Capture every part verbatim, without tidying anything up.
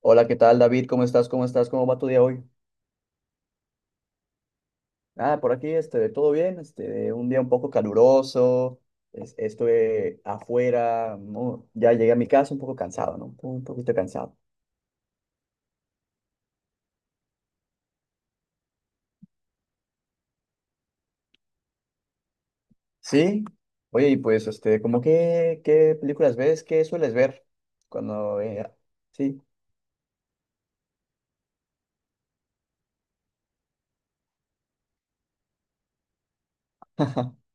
Hola, ¿qué tal, David? ¿Cómo estás? ¿Cómo estás? ¿Cómo va tu día hoy? Ah, por aquí, este, todo bien, este, un día un poco caluroso, es- estuve afuera, ¿no? Ya llegué a mi casa un poco cansado, ¿no? Un po- un poquito cansado. Sí, oye, y pues, este, ¿cómo qué, qué películas ves? ¿Qué sueles ver? Cuando, eh, sí,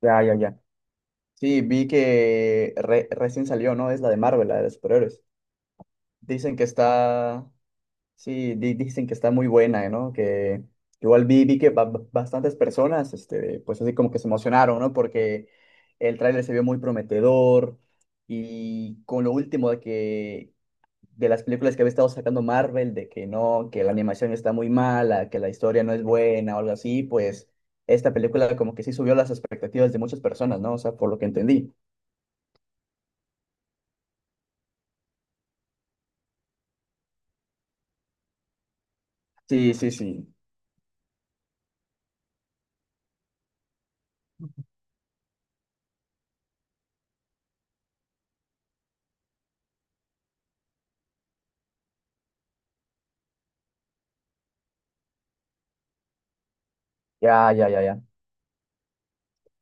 ya, ya, ya. Sí, vi que re- recién salió, ¿no? Es la de Marvel, la de los superhéroes. Dicen que está, Sí, di- dicen que está muy buena, ¿no? Que igual vi, vi que ba- ba- bastantes personas, este, pues así como que se emocionaron, ¿no? Porque el tráiler se vio muy prometedor y con lo último de que de las películas que había estado sacando Marvel, de que no, que la animación está muy mala, que la historia no es buena o algo así, pues esta película como que sí subió las expectativas de muchas personas, ¿no? O sea, por lo que entendí. Sí, sí, sí. Ya, ya, ya, ya.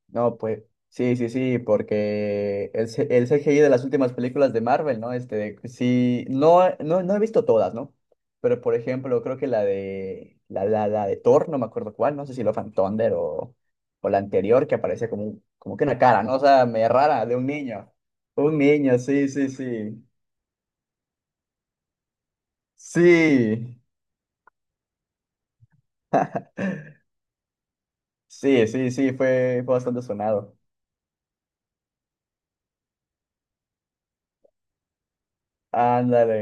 No, pues sí, sí, sí, porque el, C- el C G I de las últimas películas de Marvel, ¿no? Este, sí, no, eh, no, no he visto todas, ¿no? Pero por ejemplo, creo que la de la, la, la de Thor, no me acuerdo cuál, no sé si lo of Thunder o, o la anterior que aparece como, un- como que una cara, ¿no? O sea, medio rara, de un niño. Un niño, sí, sí, sí. Sí, sí, sí, sí, fue, fue bastante sonado. Ándale.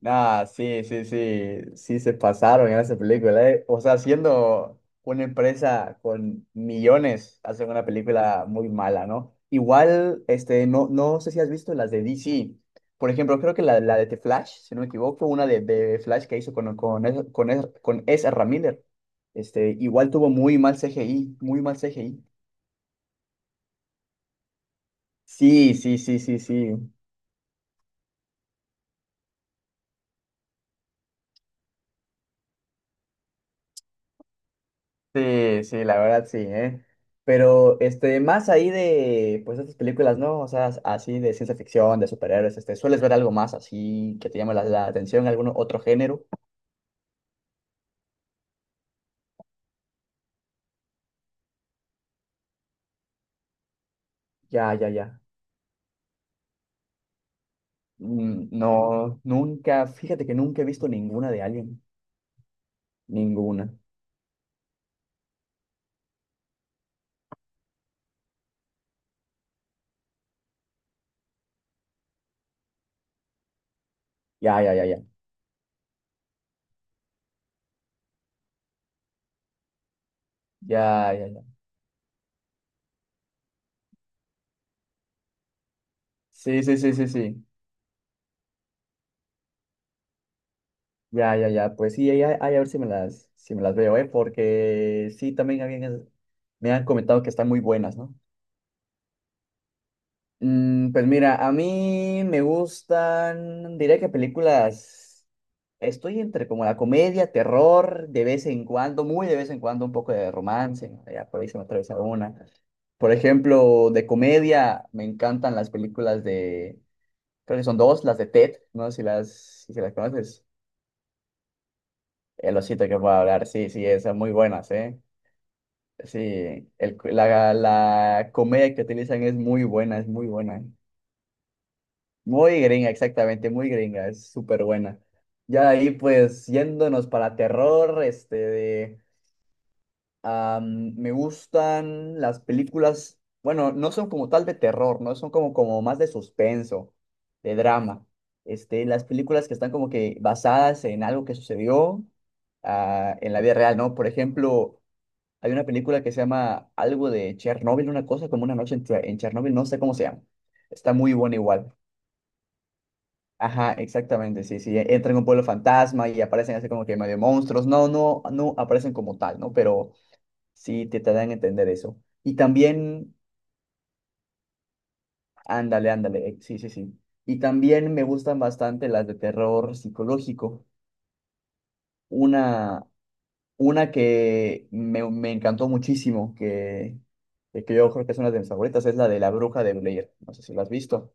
Nah, sí, sí, sí, sí se pasaron en esa película, eh. O sea, siendo una empresa con millones, hacen una película muy mala, ¿no? Igual, este, no, no sé si has visto las de D C. Por ejemplo, creo que la, la de The Flash, si no me equivoco, una de, de Flash que hizo con, con, Ez- con, Ez- con Ezra Miller. Este, igual tuvo muy mal C G I, muy mal C G I. Sí, sí, sí, sí, sí. Sí, sí, la verdad sí, ¿eh? Pero este, más ahí de pues estas películas, ¿no? O sea, así de ciencia ficción, de superhéroes, este, ¿sueles ver algo más así que te llame la, la atención, algún otro género? Ya, ya, ya. Mm, No, nunca, fíjate que nunca he visto ninguna de Alien. Ninguna. Ya, ya, ya, ya. Ya, ya, ya. Sí, sí, sí, sí, sí. Ya, ya, ya. Pues sí, ahí, ahí a ver si me las, si me las veo, ¿eh? Porque sí, también alguien es- me han comentado que están muy buenas, ¿no? Mm, pues mira, a mí me gustan, diría que películas, estoy entre como la comedia, terror, de vez en cuando, muy de vez en cuando un poco de romance, ¿no? Ya por ahí se me atraviesa una. Por ejemplo, de comedia me encantan las películas de, creo que son dos, las de Ted, no sé si las, si las conoces. El osito que puedo hablar, sí, sí, esas muy buenas, ¿eh? Sí, el, la, la comedia que utilizan es muy buena, es muy buena. Muy gringa, exactamente, muy gringa, es súper buena. Ya de ahí, pues, yéndonos para terror, este, de, am, me gustan las películas, bueno, no son como tal de terror, ¿no? Son como, como más de suspenso, de drama. Este, las películas que están como que basadas en algo que sucedió ah, en la vida real, ¿no? Por ejemplo, hay una película que se llama algo de Chernobyl, una cosa como una noche en, Ch- en Chernobyl, no sé cómo se llama. Está muy buena igual. Ajá, exactamente, sí, sí, entran en un pueblo fantasma y aparecen así como que medio monstruos, no, no, no aparecen como tal, ¿no? Pero sí te, te dan a entender eso. Y también, ándale, ándale, eh, sí, sí, sí. Y también me gustan bastante las de terror psicológico. Una, una que me, me encantó muchísimo, que, que que yo creo que es una de mis favoritas, es la de la bruja de Blair. No sé si la has visto.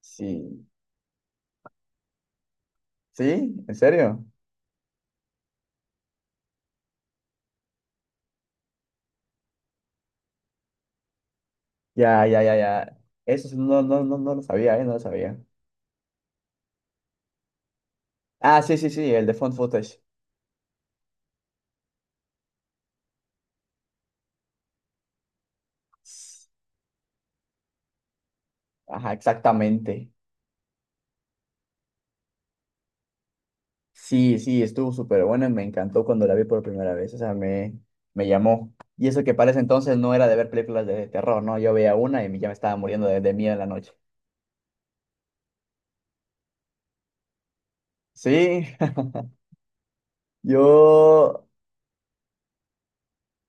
Sí, sí, ¿en serio? Ya, ya, ya, ya. Eso sí, no, no, no, no lo sabía, ¿eh? No lo sabía. Ah, sí, sí, sí, el de Found Footage. Ajá, exactamente. Sí, sí, estuvo súper bueno me encantó cuando la vi por primera vez. O sea, me, me llamó. Y eso que para ese entonces no era de ver películas de terror, ¿no? Yo veía una y ya me estaba muriendo de, de miedo en la noche. Sí, yo...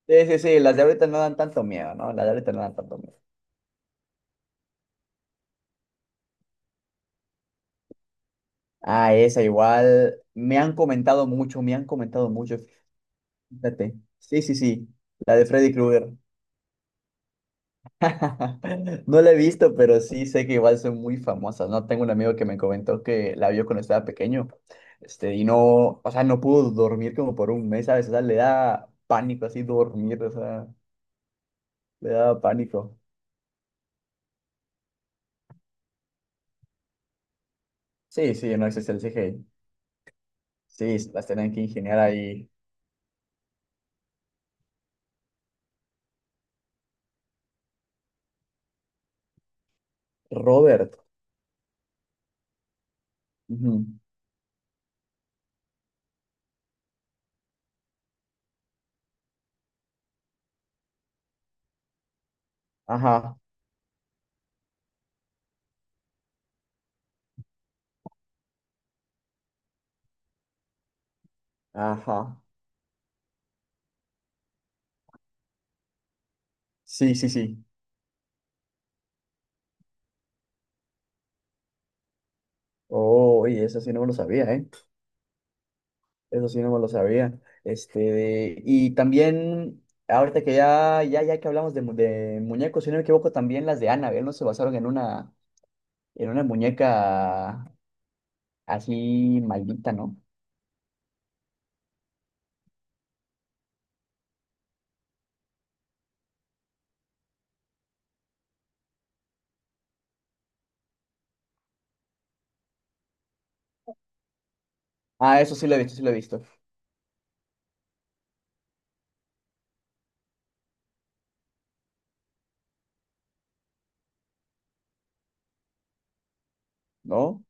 Sí, sí, sí, las de ahorita no dan tanto miedo, ¿no? Las de ahorita no dan tanto miedo. Ah, esa igual. Me han comentado mucho, me han comentado mucho. Fíjate. Sí, sí, sí. La de Freddy Krueger. No la he visto, pero sí sé que igual son muy famosas, ¿no? Tengo un amigo que me comentó que la vio cuando estaba pequeño, este, y no, o sea, no pudo dormir como por un mes, ¿sabes? O sea, le da pánico así dormir, o sea, le da pánico. Sí, sí, no existe el C G I. Sí, las tienen que ingeniar ahí. Robert. Ujú, ajá, ajá. Sí, sí, sí. Oh, y eso sí no me lo sabía, ¿eh? Eso sí no me lo sabía. Este, y también, ahorita que ya, ya, ya que hablamos de, mu- de muñecos, si no me equivoco, también las de Annabelle no se basaron en una, en una muñeca así maldita, ¿no? Ah, eso sí lo he visto, sí lo he visto. ¿No?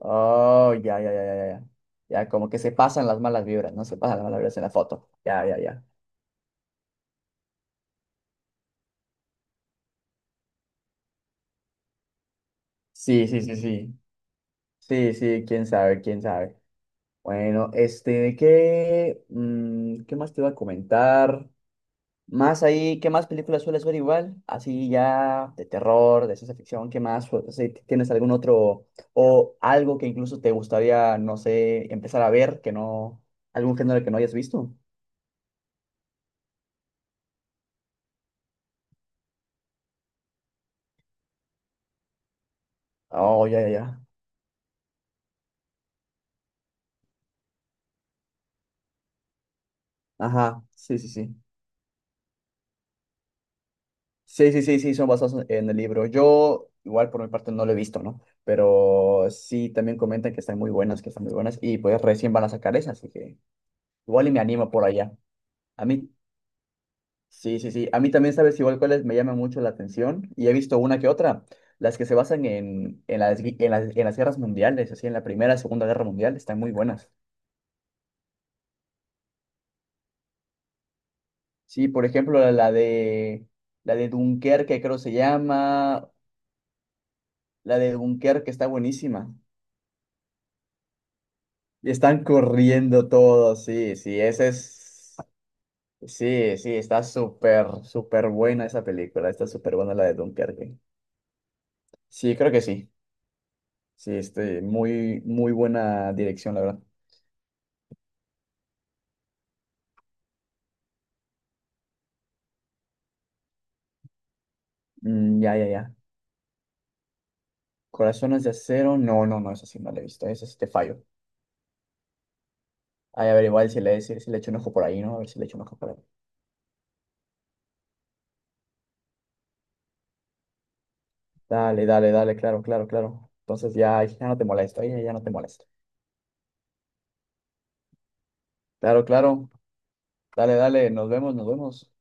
Oh, ya, ya, ya, ya, ya. Ya, como que se pasan las malas vibras, ¿no? Se pasan las malas vibras en la foto. Ya, ya, ya. Sí, sí, sí, sí. Sí, sí, quién sabe, quién sabe. Bueno, este, ¿qué, Mm, qué más te iba a comentar? Más ahí, ¿qué más películas sueles ver igual? Así ya de terror, de ciencia ficción, ¿qué más? O sea, ¿tienes algún otro o algo que incluso te gustaría, no sé, empezar a ver que no, algún género que no hayas visto? Oh, ya, ya, ya. Ajá, sí, sí, sí. Sí, sí, sí, sí, son basados en el libro. Yo igual por mi parte no lo he visto, ¿no? Pero sí, también comentan que están muy buenas, que están muy buenas y pues recién van a sacar esas, así que igual y me animo por allá. A mí, sí, sí, sí. A mí también, ¿sabes? Igual cuáles me llama mucho la atención y he visto una que otra, las que se basan en, en las, gui- en las, en las guerras mundiales, así en la Primera, y Segunda Guerra Mundial, están muy buenas. Sí, por ejemplo, la, la de, la de Dunkerque, creo se llama, la de Dunkerque está buenísima. Y están corriendo todos, sí, sí, esa es, sí, sí, está súper, súper buena esa película, está súper buena la de Dunkerque. Sí, creo que sí, sí, este, muy, muy buena dirección, la verdad. Mm, ya, ya, ya. Corazones de acero. No, no, no, esa sí no la he visto. Esa sí te fallo. Ay, a ver, igual si le, si, si le echo un ojo por ahí, ¿no? A ver si le echo un ojo por ahí. Dale, dale, dale, claro, claro, claro. Entonces ya, ya no te molesto, ya, ya no te molesto. Claro, claro. Dale, dale, nos vemos, nos vemos.